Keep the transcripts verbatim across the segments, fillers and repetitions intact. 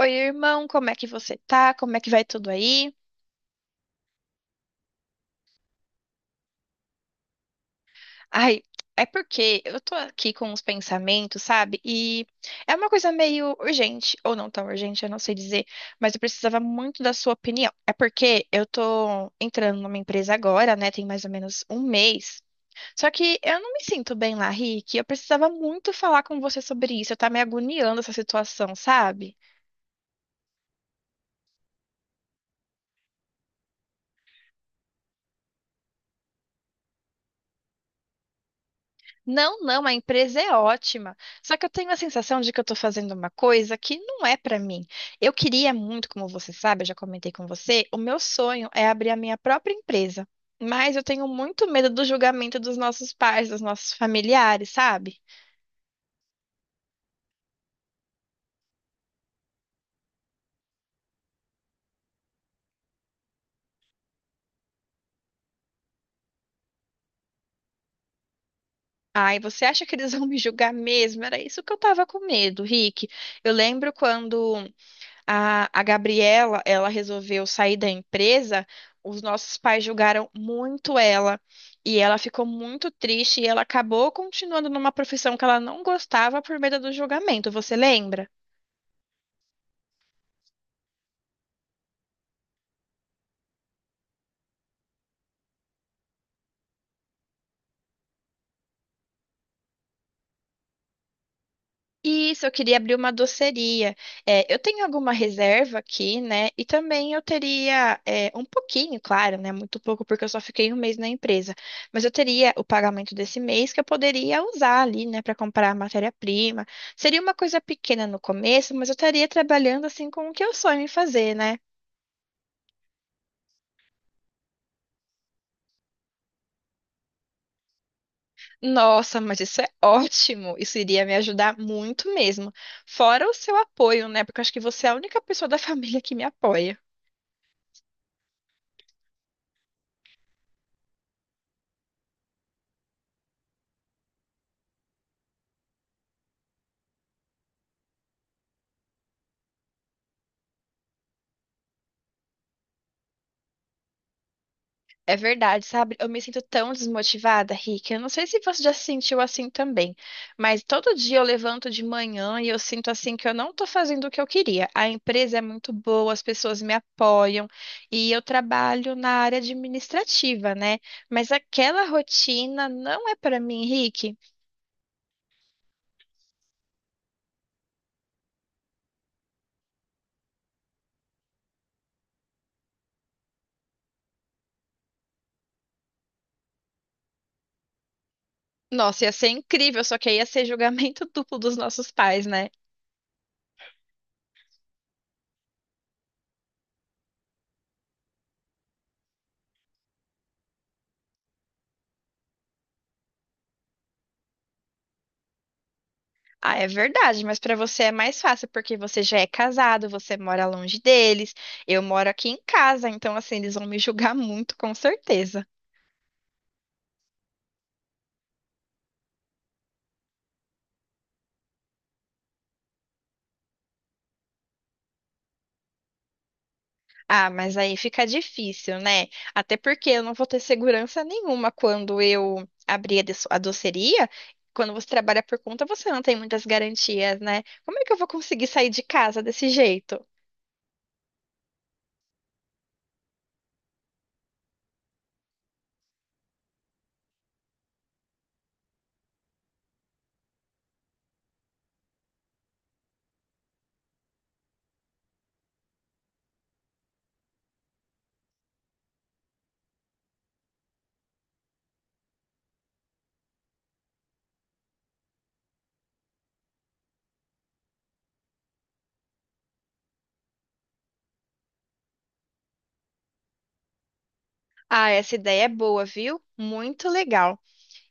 Oi, irmão, como é que você tá? Como é que vai tudo aí? Ai, é porque eu tô aqui com uns pensamentos, sabe? E é uma coisa meio urgente, ou não tão urgente, eu não sei dizer, mas eu precisava muito da sua opinião. É porque eu tô entrando numa empresa agora, né? Tem mais ou menos um mês. Só que eu não me sinto bem lá, Rick. Eu precisava muito falar com você sobre isso. Eu tá me agoniando essa situação, sabe? Não, não, a empresa é ótima. Só que eu tenho a sensação de que eu estou fazendo uma coisa que não é para mim. Eu queria muito, como você sabe, eu já comentei com você, o meu sonho é abrir a minha própria empresa. Mas eu tenho muito medo do julgamento dos nossos pais, dos nossos familiares, sabe? Ai, você acha que eles vão me julgar mesmo? Era isso que eu tava com medo, Rick. Eu lembro quando A, a Gabriela, ela resolveu sair da empresa. Os nossos pais julgaram muito ela e ela ficou muito triste e ela acabou continuando numa profissão que ela não gostava por medo do julgamento. Você lembra? Isso, eu queria abrir uma doceria. É, eu tenho alguma reserva aqui, né? E também eu teria é, um pouquinho, claro, né? Muito pouco, porque eu só fiquei um mês na empresa. Mas eu teria o pagamento desse mês que eu poderia usar ali, né? Para comprar matéria-prima. Seria uma coisa pequena no começo, mas eu estaria trabalhando assim com o que eu sonho em fazer, né? Nossa, mas isso é ótimo! Isso iria me ajudar muito mesmo. Fora o seu apoio, né? Porque eu acho que você é a única pessoa da família que me apoia. É verdade, sabe? Eu me sinto tão desmotivada, Rick. Eu não sei se você já se sentiu assim também, mas todo dia eu levanto de manhã e eu sinto assim que eu não tô fazendo o que eu queria. A empresa é muito boa, as pessoas me apoiam e eu trabalho na área administrativa, né? Mas aquela rotina não é pra mim, Rick. Nossa, ia ser incrível, só que aí ia ser julgamento duplo dos nossos pais, né? Ah, é verdade, mas para você é mais fácil porque você já é casado, você mora longe deles, eu moro aqui em casa, então assim, eles vão me julgar muito, com certeza. Ah, mas aí fica difícil, né? Até porque eu não vou ter segurança nenhuma quando eu abrir a de- a doceria. Quando você trabalha por conta, você não tem muitas garantias, né? Como é que eu vou conseguir sair de casa desse jeito? Ah, essa ideia é boa, viu? Muito legal.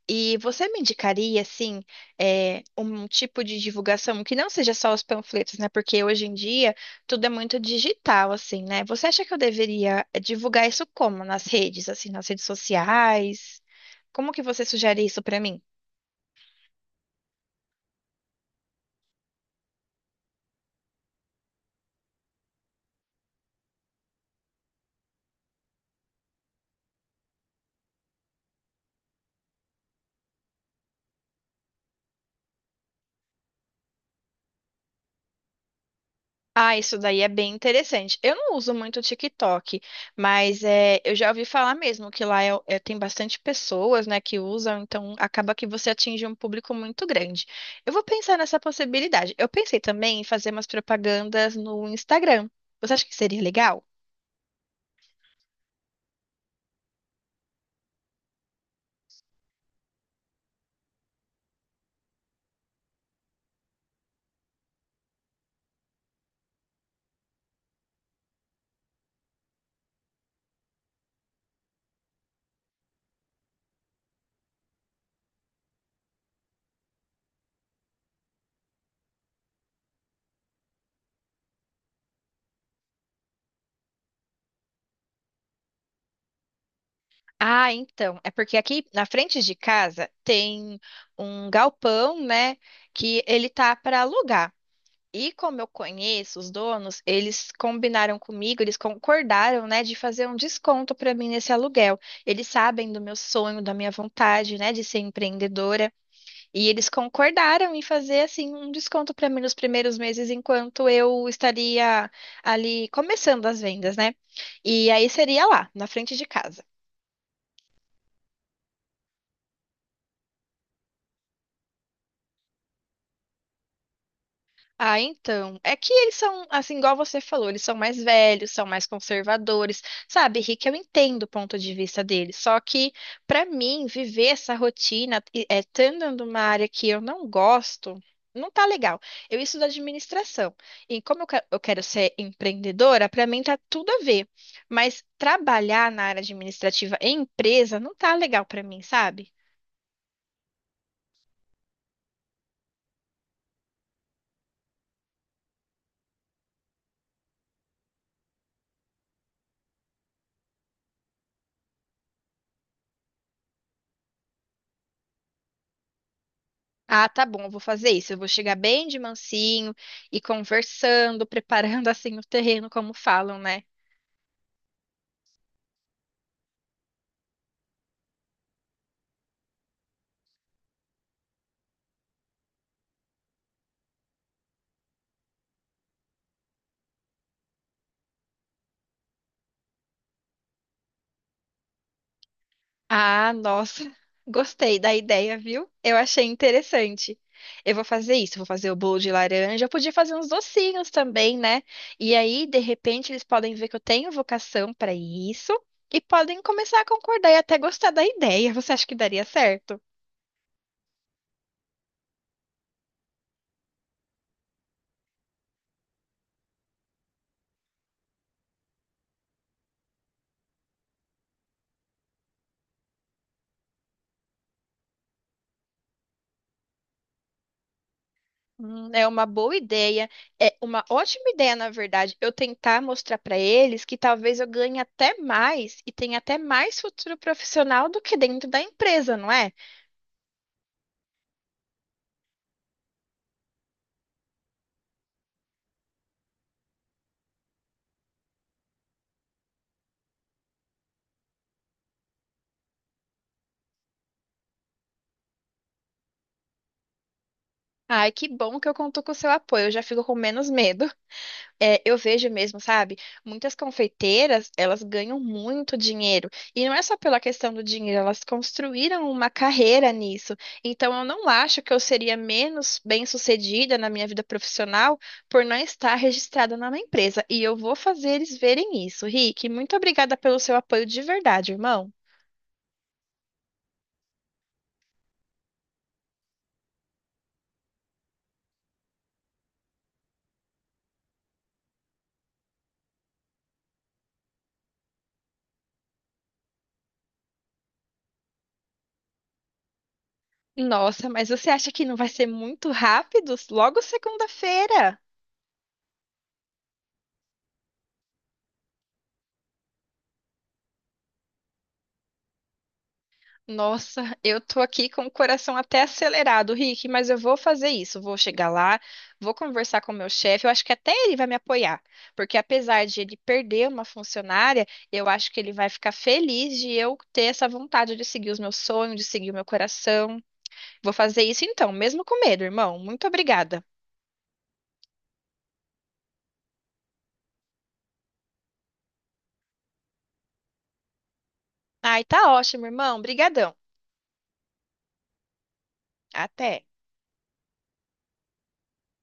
E você me indicaria, assim, eh, um tipo de divulgação que não seja só os panfletos, né? Porque hoje em dia tudo é muito digital, assim, né? Você acha que eu deveria eh, divulgar isso como? Nas redes, assim, nas redes sociais? Como que você sugere isso pra mim? Ah, isso daí é bem interessante. Eu não uso muito o TikTok, mas é, eu já ouvi falar mesmo que lá é- é- tem bastante pessoas, né, que usam, então acaba que você atinge um público muito grande. Eu vou pensar nessa possibilidade. Eu pensei também em fazer umas propagandas no Instagram. Você acha que seria legal? Ah, então, é porque aqui na frente de casa tem um galpão, né, que ele tá para alugar. E como eu conheço os donos, eles combinaram comigo, eles concordaram, né, de fazer um desconto para mim nesse aluguel. Eles sabem do meu sonho, da minha vontade, né, de ser empreendedora, e eles concordaram em fazer assim um desconto para mim nos primeiros meses enquanto eu estaria ali começando as vendas, né? E aí seria lá, na frente de casa. Ah, então. É que eles são, assim, igual você falou, eles são mais velhos, são mais conservadores. Sabe, Rick, eu entendo o ponto de vista deles. Só que, pra mim, viver essa rotina, e- é, estando numa área que eu não gosto, não tá legal. Eu estudo administração. E como eu que- eu quero ser empreendedora, pra mim tá tudo a ver. Mas trabalhar na área administrativa em empresa não tá legal pra mim, sabe? Ah, tá bom, eu vou fazer isso. Eu vou chegar bem de mansinho e conversando, preparando assim o terreno, como falam, né? Ah, nossa, gostei da ideia, viu? Eu achei interessante. Eu vou fazer isso, vou fazer o bolo de laranja. Eu podia fazer uns docinhos também, né? E aí, de repente, eles podem ver que eu tenho vocação para isso e podem começar a concordar e até gostar da ideia. Você acha que daria certo? Hum, é uma boa ideia, é uma ótima ideia, na verdade, eu tentar mostrar para eles que talvez eu ganhe até mais e tenha até mais futuro profissional do que dentro da empresa, não é? Ai, que bom que eu conto com o seu apoio, eu já fico com menos medo. É, eu vejo mesmo, sabe? Muitas confeiteiras, elas ganham muito dinheiro. E não é só pela questão do dinheiro, elas construíram uma carreira nisso. Então, eu não acho que eu seria menos bem-sucedida na minha vida profissional por não estar registrada numa empresa. E eu vou fazer eles verem isso. Rick, muito obrigada pelo seu apoio de verdade, irmão. Nossa, mas você acha que não vai ser muito rápido? Logo segunda-feira. Nossa, eu tô aqui com o coração até acelerado, Rick, mas eu vou fazer isso. Vou chegar lá, vou conversar com o meu chefe. Eu acho que até ele vai me apoiar, porque apesar de ele perder uma funcionária, eu acho que ele vai ficar feliz de eu ter essa vontade de seguir os meus sonhos, de seguir o meu coração. Vou fazer isso então, mesmo com medo, irmão. Muito obrigada. Ai, tá ótimo, irmão. Brigadão. Até.